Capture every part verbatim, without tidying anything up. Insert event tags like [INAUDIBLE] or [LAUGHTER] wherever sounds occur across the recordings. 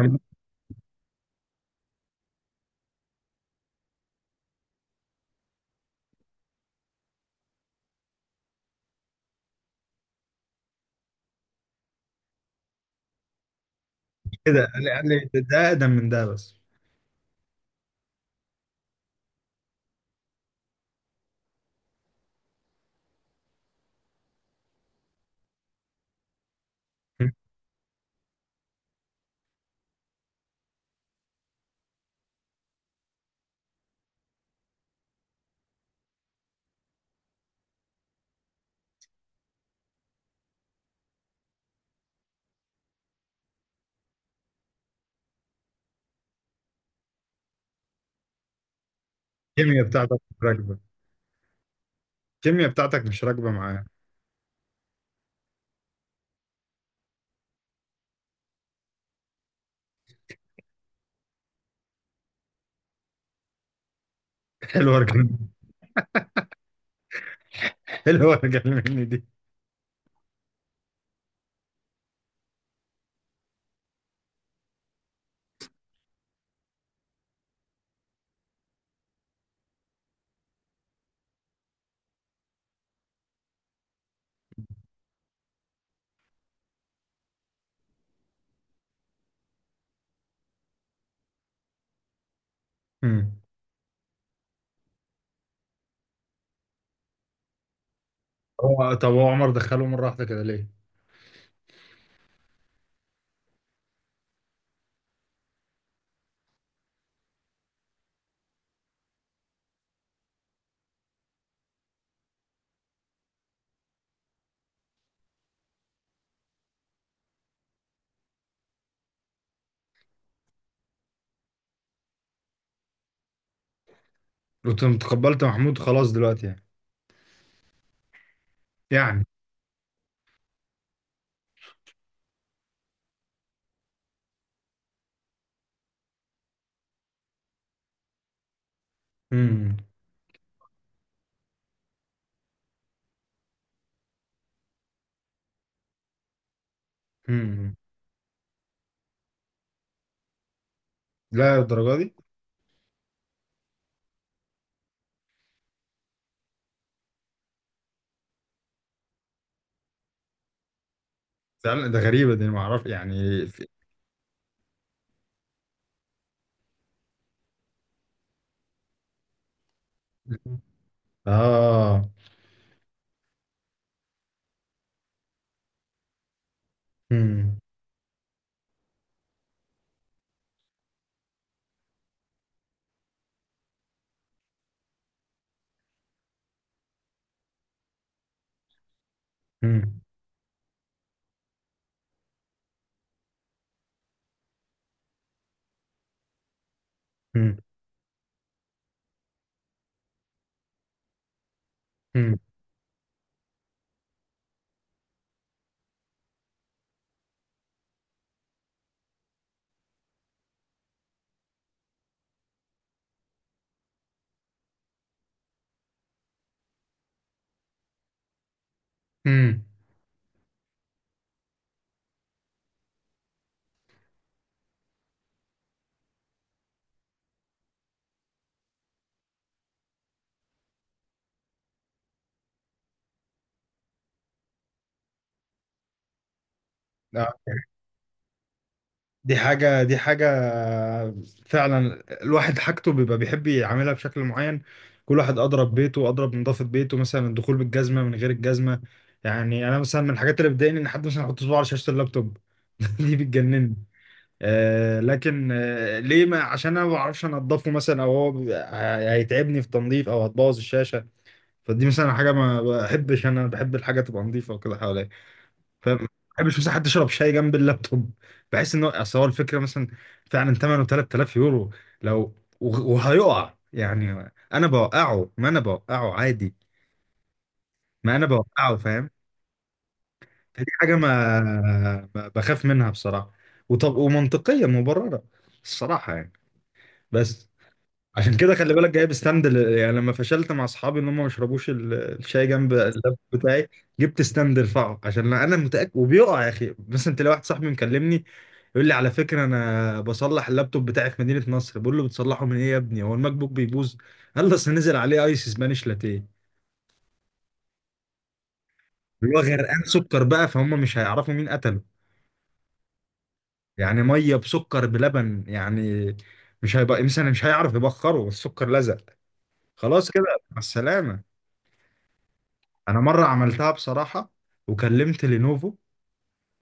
مش كده قال لي، قال لي ده ده اقدم من ده، بس. الكيمياء بتاعتك مش راكبه الكيمياء بتاعتك مش راكبه معاه. [LAUGHS] حلوه رجل حلوه رجل مني دي. مم. هو طب هو عمر دخله مره واحده كده ليه؟ قلت له تقبلت محمود خلاص دلوقتي، يعني يعني. مم. مم. لا الدرجه دي. فعلا ده غريبه دي، ما اعرف يعني في... اه. مم. مم. مم. مم. مم. دي حاجة دي حاجة. فعلا الواحد حاجته بيبقى بيحب يعملها بشكل معين. كل واحد أضرب بيته أضرب نظافة بيته مثلا، الدخول بالجزمة من غير الجزمة. يعني أنا مثلا من الحاجات اللي بتضايقني إن حد مثلا يحط صباعه على شاشة اللابتوب. [LAUGHS] دي بتجنني. آه لكن، آه ليه؟ ما عشان أنا ما بعرفش أنضفه مثلا، أو هو بيبقى- هيتعبني في تنظيف، أو هتبوظ الشاشة. فدي مثلا حاجة ما بحبش، أنا بحب الحاجة تبقى نظيفة وكده حواليا، فاهم؟ ما بحبش مثلا حد يشرب شاي جنب اللابتوب. بحس ان هو، اصل هو الفكره مثلا، فعلا ثمنه 3000 يورو. لو وغ- وهيقع، يعني انا بوقعه؟ ما انا بوقعه عادي، ما انا بوقعه، فاهم؟ فدي حاجه ما ما بخاف منها بصراحه، وطب ومنطقيه مبرره الصراحه يعني. بس عشان كده خلي بالك جايب ستاند، ل... يعني لما فشلت مع اصحابي ان هم ما يشربوش ال- الشاي جنب اللاب بتاعي، جبت ستاند ارفعه عشان انا متاكد وبيقع. يا اخي، مثلا تلاقي واحد صاحبي مكلمني يقول لي على فكره انا بصلح اللابتوب بتاعي في مدينه نصر. بقول له بتصلحه من ايه يا ابني؟ هو الماك بوك بيبوظ؟ قال لي اصل نزل عليه ايس سبانيش لاتيه، اللي هو غرقان سكر بقى، فهم؟ مش هيعرفوا مين قتله. يعني ميه بسكر بلبن يعني، مش هيبقى مثلا، مش هيعرف يبخره، السكر لزق، خلاص كده، مع السلامه. انا مره عملتها بصراحه، وكلمت لينوفو،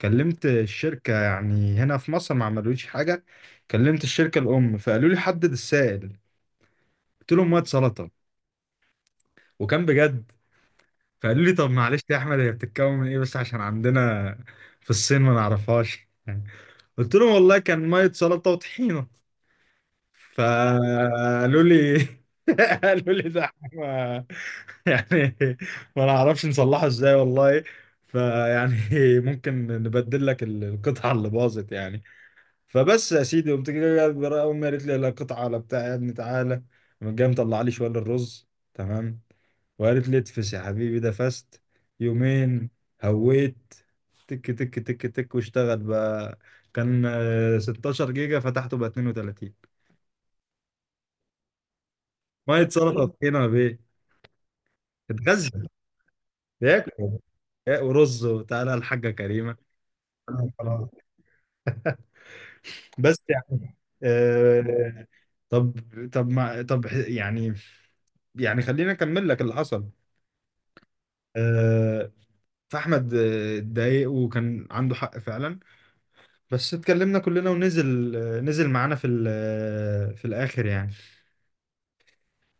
كلمت الشركه يعني هنا في مصر، ما عملوليش حاجه. كلمت الشركه الام فقالوا لي حدد السائل. قلت لهم ميه سلطه، وكان بجد. فقالوا لي طب معلش يا احمد، هي بتتكون من ايه؟ بس عشان عندنا في الصين ما نعرفهاش. [LAUGHS] قلت لهم والله كان ميه سلطه وطحينه. فقالوا لي [LAUGHS] قالوا لي ده إحنا ما- يعني ما نعرفش نصلحه ازاي والله. فيعني ممكن نبدل لك ال- القطعة اللي باظت يعني. فبس يا سيدي، قمت جاي برا- امي قالت لي لا قطعة ولا بتاع يا ابني، تعالى. قامت جايه مطلع لي شوية الرز، تمام، وقالت لي اتفس يا حبيبي ده فست، يومين هويت، تك تك تك تك، واشتغل بقى. كان آه، ستاشر جيجا، فتحته بقى اثنين وثلاثين. ميه سلطه طحينه بيه، اتغذى، ياكل يا- ورز، وتعالى الحاجه كريمه. خلاص. بس يعني آه، طب طب ما طب يعني، يعني خليني اكمل لك اللي حصل. آه فاحمد آه، اتضايق وكان عنده حق فعلا. بس اتكلمنا كلنا ونزل آه، نزل معانا في ال- آه، في الاخر يعني.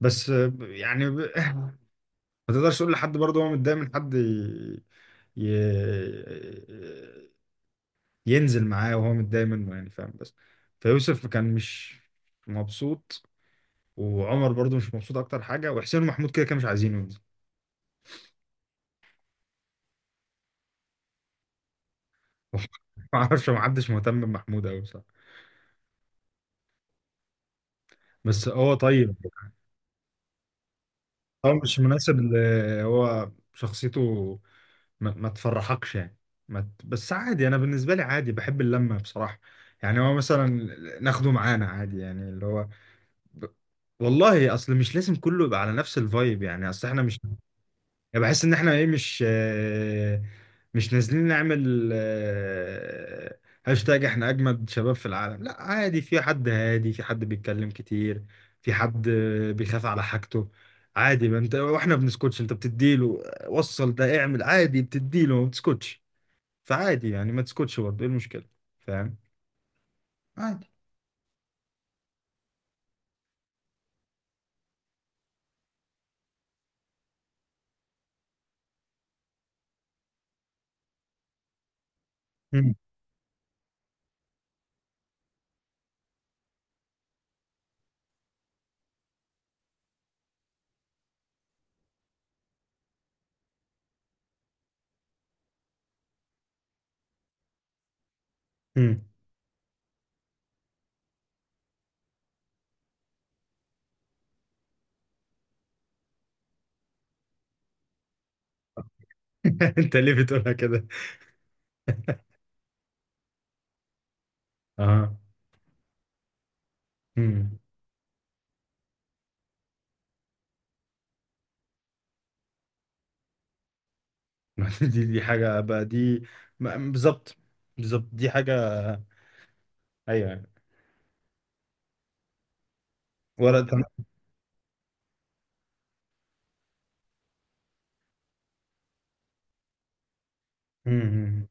بس آه، ب- يعني ب- [LAUGHS] ما تقدرش تقول لحد برضه هو متضايق من حد، ي... ي... ينزل معاه وهو متضايق منه يعني، فاهم؟ بس فيوسف كان مش مبسوط، وعمر برضو مش مبسوط اكتر حاجه، وحسين ومحمود كده كانوا مش عايزينه ينزل. [LAUGHS] ما اعرفش، ما حدش مهتم بمحمود قوي بصراحه، بس هو طيب. هو مش مناسب ل- هو شخصيته، ما, ما تفرحكش يعني. ما ت... بس عادي، انا بالنسبه لي عادي، بحب اللمه بصراحه. يعني هو مثلا ناخده معانا عادي، يعني اللي هو ب... والله اصل مش لازم كله يبقى على نفس الفايب، يعني اصل احنا مش، يعني بحس ان احنا ايه، مش آه، مش نازلين نعمل آه، هاشتاج احنا اجمد شباب في العالم. لا عادي، في حد هادي، في حد بيتكلم كتير، في حد آه، بيخاف على حاجته. عادي، ما انت واحنا بنسكتش، انت بتديله آه، وصل ده اعمل عادي، بتديله ما بتسكتش. فعادي يعني، ما تسكتش برضه، ايه المشكلة؟ فاهم؟ عادي. مم. مم. [LAUGHS] انت ليه بتقولها كده؟ اه. مم. [LAUGHS] دي دي حاجة بقى دي. ما- بالظبط. بالظبط دي حاجة. ايوه. ورقة. امم امم امم.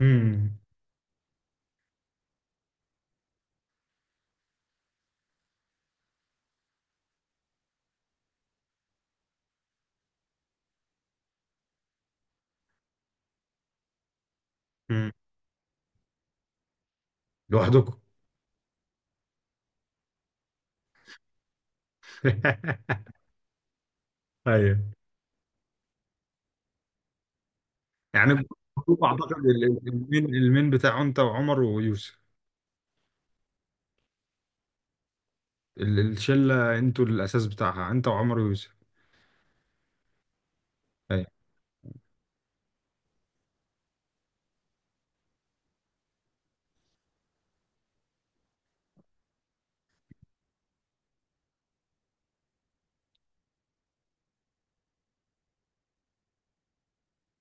إمم، إمم. إمم. لوحدكم. [LAUGHS] ايوه. يعني أنتوا اعتقد ال- ال- المين المين بتاعه انت وعمر ويوسف، ال- الشله انتوا الاساس بتاعها انت وعمر ويوسف. ايوه.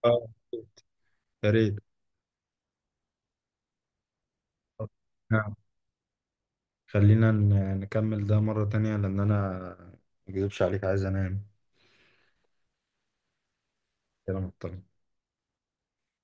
اه. يا ريت. نعم. خلينا ن- نكمل ده مرة تانية، لأن أنا ما أكذبش عليك، عايز أنام، كده مضطر.